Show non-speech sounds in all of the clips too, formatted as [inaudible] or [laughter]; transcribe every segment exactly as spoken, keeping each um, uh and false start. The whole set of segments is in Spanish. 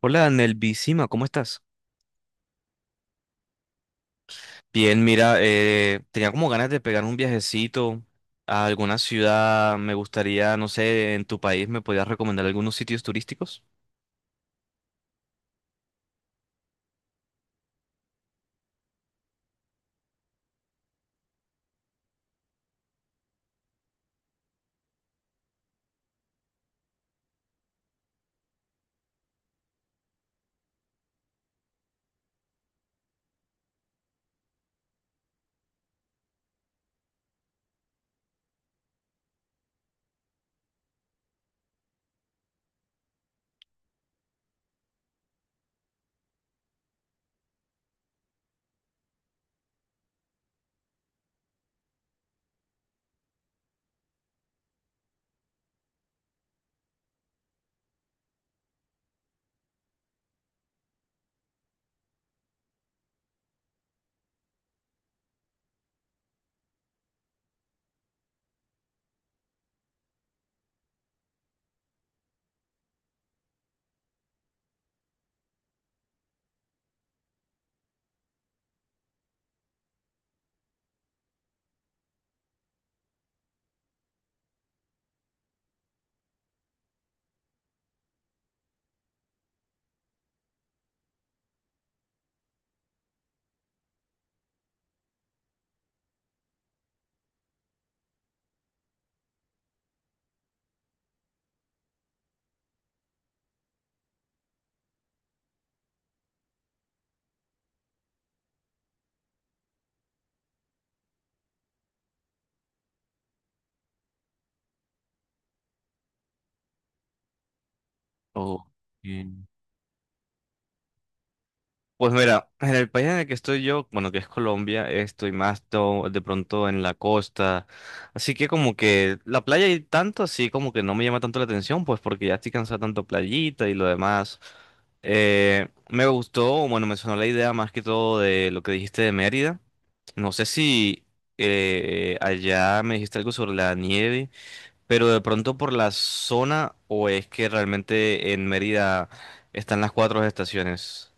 Hola, Nelvisima, ¿cómo estás? Bien, mira, eh, tenía como ganas de pegar un viajecito a alguna ciudad. Me gustaría, no sé, en tu país, ¿me podías recomendar algunos sitios turísticos? O... Pues mira, en el país en el que estoy yo, bueno, que es Colombia, estoy más to- de pronto en la costa, así que como que la playa y tanto, así como que no me llama tanto la atención, pues porque ya estoy cansado de tanto playita y lo demás. Eh, me gustó, bueno, me sonó la idea más que todo de lo que dijiste de Mérida. No sé si eh, allá me dijiste algo sobre la nieve, pero de pronto por la zona o es que realmente en Mérida están las cuatro estaciones.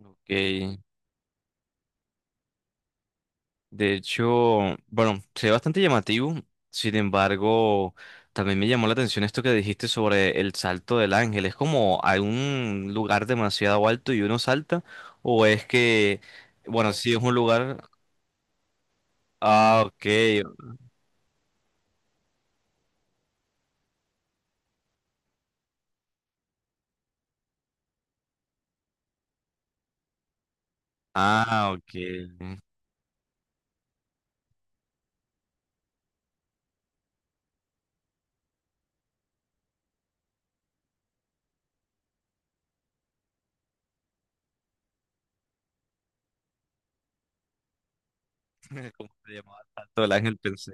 Ok, de hecho, bueno, se ve bastante llamativo, sin embargo, también me llamó la atención esto que dijiste sobre el salto del ángel. ¿Es como a un lugar demasiado alto y uno salta? ¿O es que, bueno, no, si es un lugar...? Ah, ok, ah, ok. [laughs] ¿Cómo se llamaba el salto del ángel? Pensé.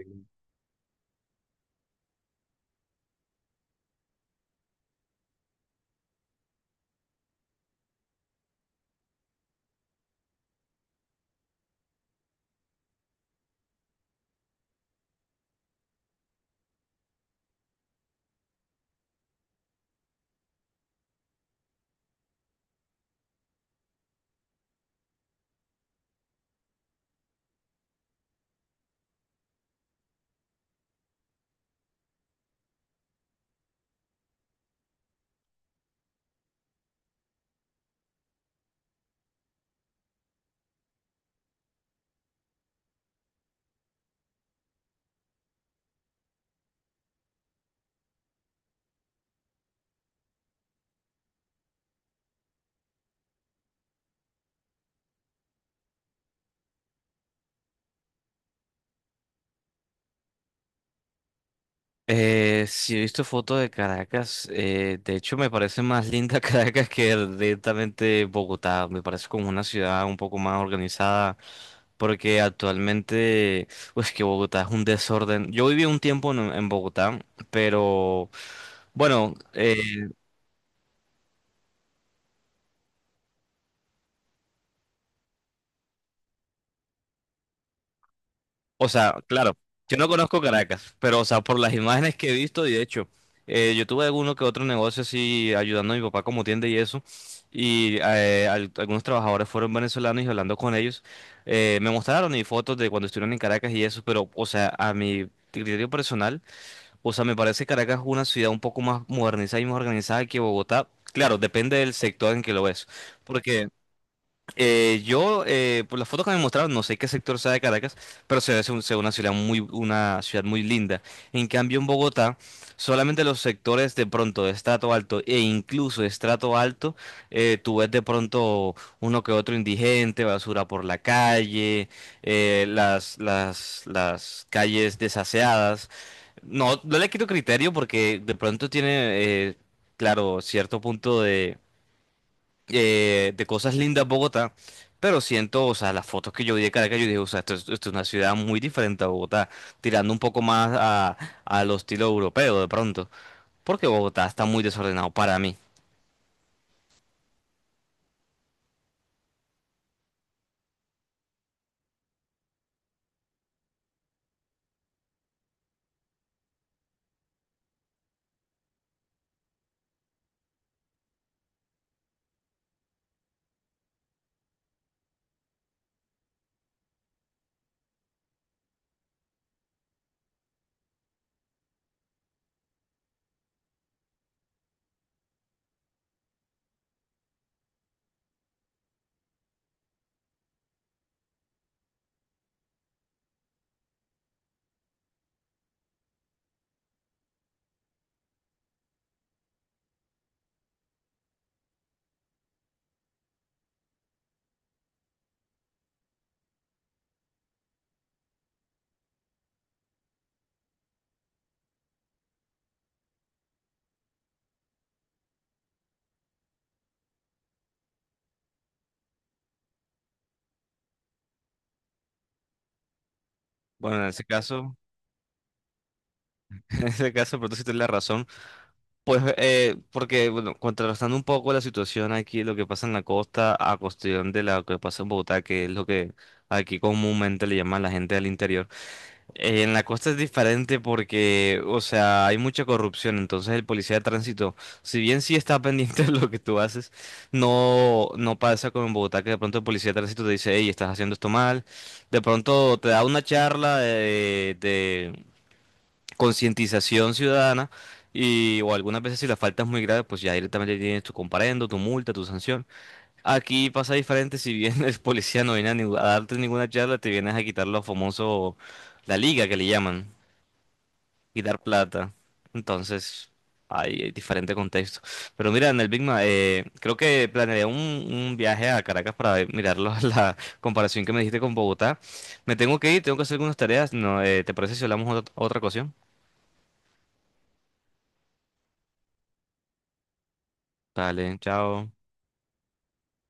Eh, sí, he visto fotos de Caracas. Eh, de hecho, me parece más linda [laughs] Caracas que directamente Bogotá. Me parece como una ciudad un poco más organizada. Porque actualmente, pues que Bogotá es un desorden. Yo viví un tiempo en, en Bogotá, pero bueno. O sea, claro, yo no conozco Caracas, pero o sea, por las imágenes que he visto, y de hecho, eh, yo tuve alguno que otro negocio así ayudando a mi papá como tienda y eso, y eh, al- algunos trabajadores fueron venezolanos y hablando con ellos, eh, me mostraron y fotos de cuando estuvieron en Caracas y eso, pero o sea, a mi criterio personal, o sea, me parece Caracas una ciudad un poco más modernizada y más organizada que Bogotá. Claro, depende del sector en que lo ves. Porque eh, yo, eh, por las fotos que me mostraron, no sé qué sector sea de Caracas, pero se ve se- se ve una ciudad muy, una ciudad muy linda. En cambio, en Bogotá, solamente los sectores de pronto de estrato alto e incluso de estrato alto, eh, tú ves de pronto uno que otro indigente, basura por la calle, eh, las, las, las calles desaseadas. No, no le quito criterio porque de pronto tiene, eh, claro, cierto punto de eh, de cosas lindas Bogotá, pero siento, o sea, las fotos que yo vi de Caracas, yo dije, o sea, esto, es esto es una ciudad muy diferente a Bogotá, tirando un poco más a, a lo estilo europeo de pronto, porque Bogotá está muy desordenado para mí. Bueno, en ese caso, [laughs] en ese caso, pero tú sí tienes la razón, pues, eh, porque, bueno, contrastando un poco la situación aquí, lo que pasa en la costa, a cuestión de la- lo que pasa en Bogotá, que es lo que aquí comúnmente le llaman la gente del interior. Eh, En la costa es diferente porque, o sea, hay mucha corrupción, entonces el policía de tránsito, si bien sí está pendiente [laughs] de lo que tú haces, no, no pasa como en Bogotá que de pronto el policía de tránsito te dice: hey, estás haciendo esto mal, de pronto te da una charla de, de concientización ciudadana y o algunas veces si la falta es muy grave, pues ya directamente tienes tu comparendo, tu multa, tu sanción. Aquí pasa diferente, si bien [laughs] el policía no viene a, ni- a darte ninguna charla, te vienes a quitar lo famoso, la liga que le llaman y dar plata. Entonces, hay, hay diferente contexto. Pero mira, en el Big Ma, eh, creo que planeé un, un viaje a Caracas para ver- mirarlo [laughs] la comparación que me dijiste con Bogotá. Me tengo que ir, tengo que hacer algunas tareas. No, eh, ¿te parece si hablamos otra, otra ocasión? Dale, chao.